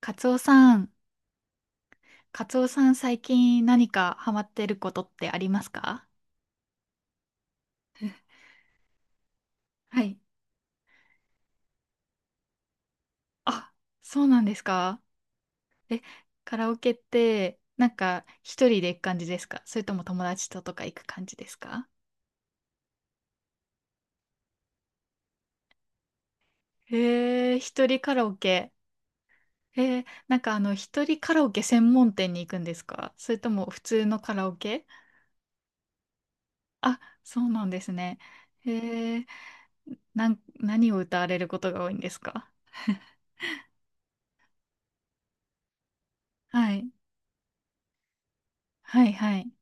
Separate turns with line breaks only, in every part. カツオさん、カツオさん、最近何かハマってることってありますか？はい。あ、そうなんですか？カラオケって、なんか一人で行く感じですか？それとも友達ととか行く感じですか？へえ、一人カラオケ。へえ、なんか一人カラオケ専門店に行くんですか？それとも普通のカラオケ？あ、そうなんですね。へえ、何を歌われることが多いんですか？はい。はいはい。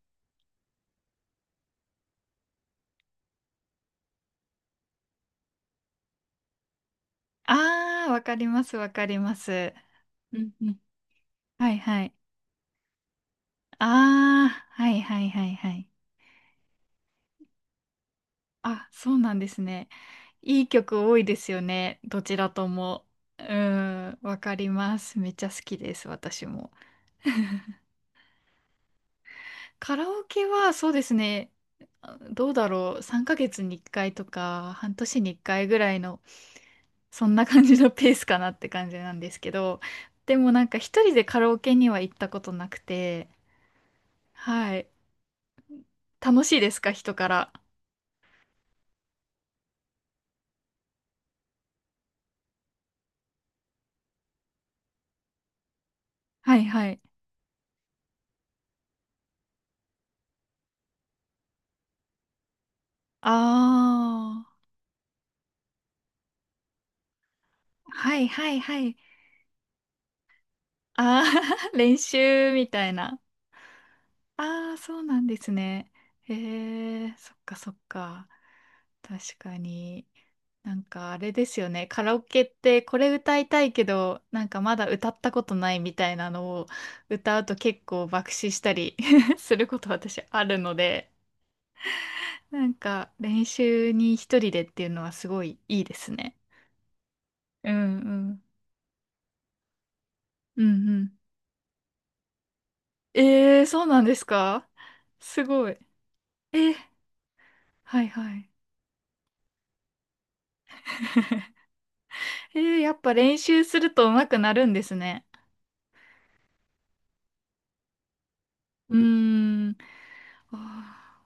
ああ、わかります、わかります。うんうん。はいはい。ああ、はいはいはいはい。あ、そうなんですね。いい曲多いですよね。どちらとも。うーん、わかります。めっちゃ好きです、私も。カラオケはそうですね。どうだろう。3ヶ月に1回とか、半年に1回ぐらいの、そんな感じのペースかなって感じなんですけど、でもなんか一人でカラオケには行ったことなくて、はい。楽しいですか、人から。はいはい。ああ、はいはいはい。ああ、練習みたいな。ああ、そうなんですね。へえ、そっかそっか。確かに。なんかあれですよね。カラオケってこれ歌いたいけど、なんかまだ歌ったことないみたいなのを歌うと結構爆死したり すること私あるので、なんか練習に一人でっていうのはすごいいいですね。うんうん。うんうん。えー、そうなんですか？すごい。えー、はいはい。えー、やっぱ練習すると上手くなるんですね。うーん。あ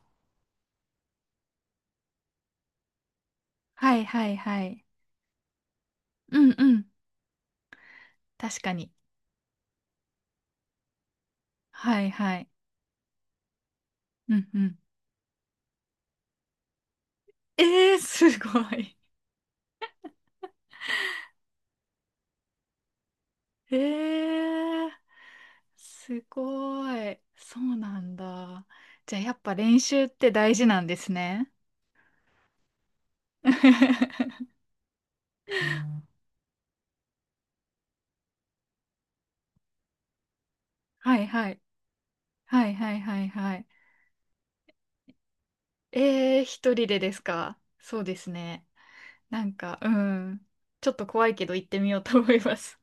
ーはいはいはい。うんうん。確かに。はいはい。うんうん。えー、すごい。えー、すごい。そうなんだ。じゃあやっぱ練習って大事なんですね。はいはい。はいはいはいはい。えー、一人でですか？そうですね。なんか、うん。ちょっと怖いけど行ってみようと思います。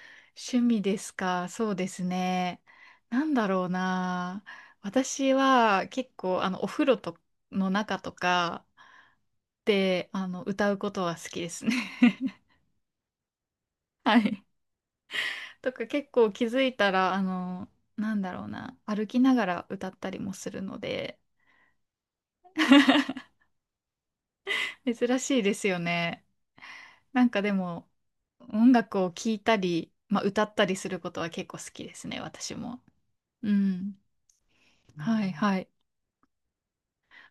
趣味ですか？そうですね。なんだろうな。私は結構、お風呂との中とかで、歌うことは好きですね。はい。とか結構気づいたら、なんだろうな。歩きながら歌ったりもするので。珍しいですよね。なんかでも、音楽を聴いたり、まあ、歌ったりすることは結構好きですね、私も。うん。はいはい。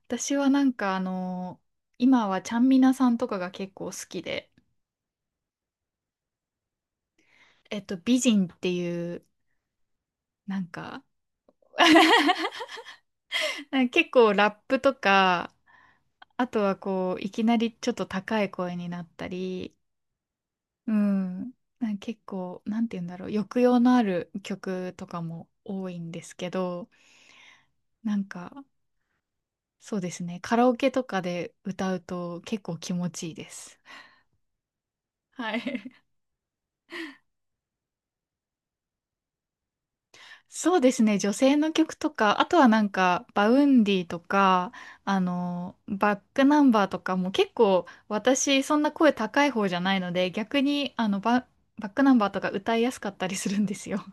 私はなんか今はちゃんみなさんとかが結構好きで、えっと、美人っていう、なんか、なんか結構ラップとか、あとはこう、いきなりちょっと高い声になったり、うん。なんか結構、なんて言うんだろう、抑揚のある曲とかも多いんですけど、なんか、そうですね、カラオケとかで歌うと結構気持ちいいです。はい。そうですね、女性の曲とか、あとはなんか、バウンディとか、バックナンバーとかも結構、私、そんな声高い方じゃないので、逆に、バックナンバーとか歌いやすかったりするんですよ。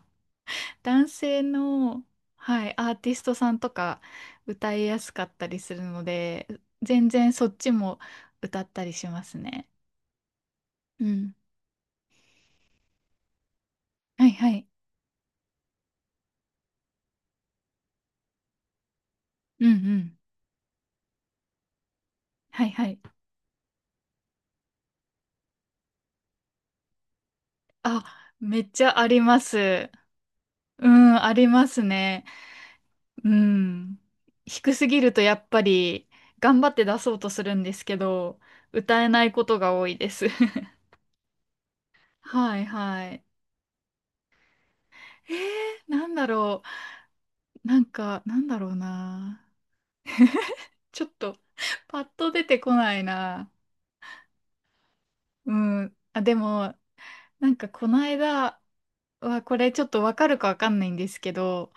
男性の、はい、アーティストさんとか歌いやすかったりするので、全然そっちも歌ったりしますね。うん。はいはい。うんうん。はいはい。あ、めっちゃあります。うん、ありますね。うん。低すぎるとやっぱり頑張って出そうとするんですけど、歌えないことが多いです。はいはい。えー、なんだろう。なんか、なんだろうな。ちょっと、パッと出てこないな。うん。あ、でも、なんかこの間は、これちょっとわかるかわかんないんですけど、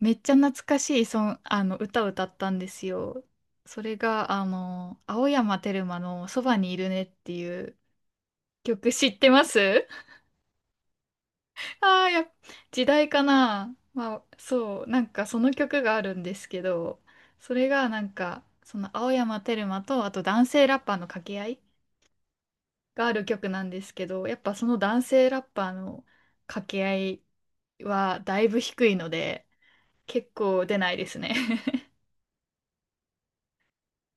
めっちゃ懐かしい歌を歌ったんですよ。それが、青山テルマのそばにいるねっていう曲知ってます？ ああ、時代かな。まあ、そう、なんかその曲があるんですけど、それがなんか、その青山テルマと、あと男性ラッパーの掛け合いがある曲なんですけど、やっぱその男性ラッパーの掛け合いはだいぶ低いので、結構出ないですね。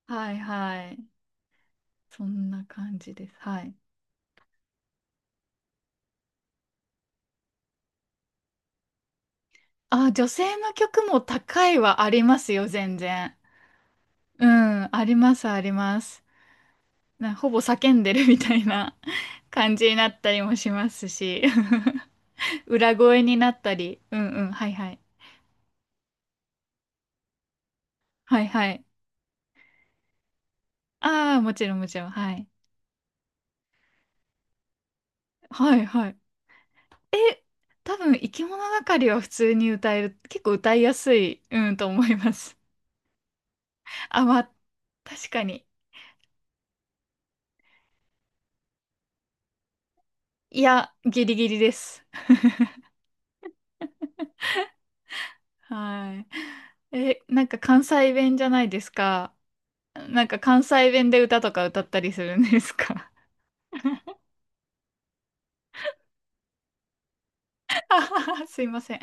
はいはい。そんな感じです。はい。あ、女性の曲も高いはありますよ、全然。うん、ありますあります。な、ほぼ叫んでるみたいな 感じになったりもしますし、裏声になったり。うんうん、はいはい。はいはい。ああ、もちろんもちろん。はい。はいはい。え、多分、生き物がかりは普通に歌える。結構歌いやすい、うん、と思います。あ、まあ、確かに。いや、ギリギリです。はい。え、なんか関西弁じゃないですか。なんか関西弁で歌とか歌ったりするんですか？ あはは すいません。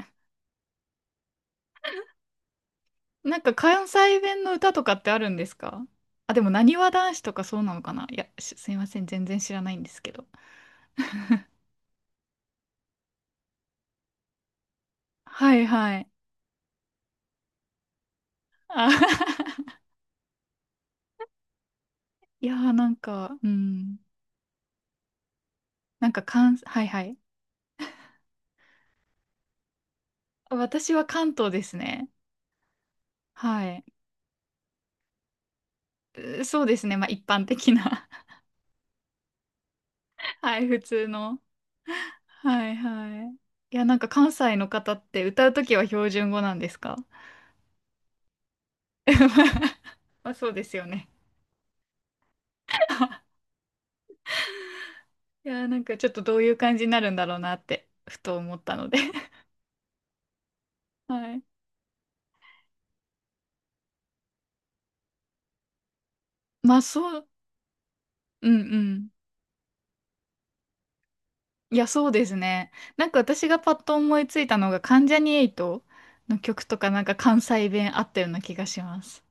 なんか関西弁の歌とかってあるんですか？あ、でも、なにわ男子とかそうなのかな？いや、しすいません。全然知らないんですけど。はいはい。あははは、いやーなんか、うん。なんか関、はいはい。私は関東ですね。はい。そうですね。まあ一般的な はい、普通の。はいはい。いや、なんか関西の方って歌うときは標準語なんですか？ まあそうですよね。いや、なんかちょっとどういう感じになるんだろうなって、ふと思ったので はい。まあそう、うんうん。いや、そうですね。なんか私がパッと思いついたのが、関ジャニエイトの曲とかなんか関西弁あったような気がします。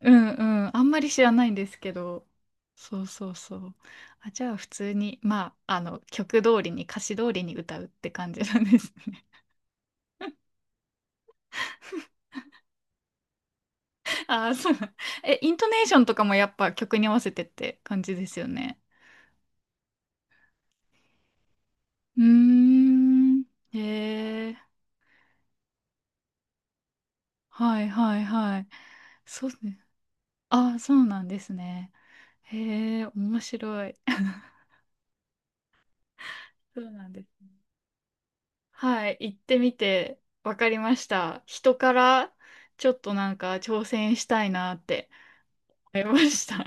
うんうん。あんまり知らないんですけど。そうそうそう。あ、じゃあ普通に、まあ、曲通りに、歌詞通りに歌うって感じなんですね。ああ、そう。え、イントネーションとかもやっぱ曲に合わせてって感じですよね。うーん。へえ。はいはいはい。そうね。ああ、そうなんですね。へえ、面白い。そうなんですね。はい、行ってみて分かりました、人から。ちょっとなんか挑戦したいなって思いました。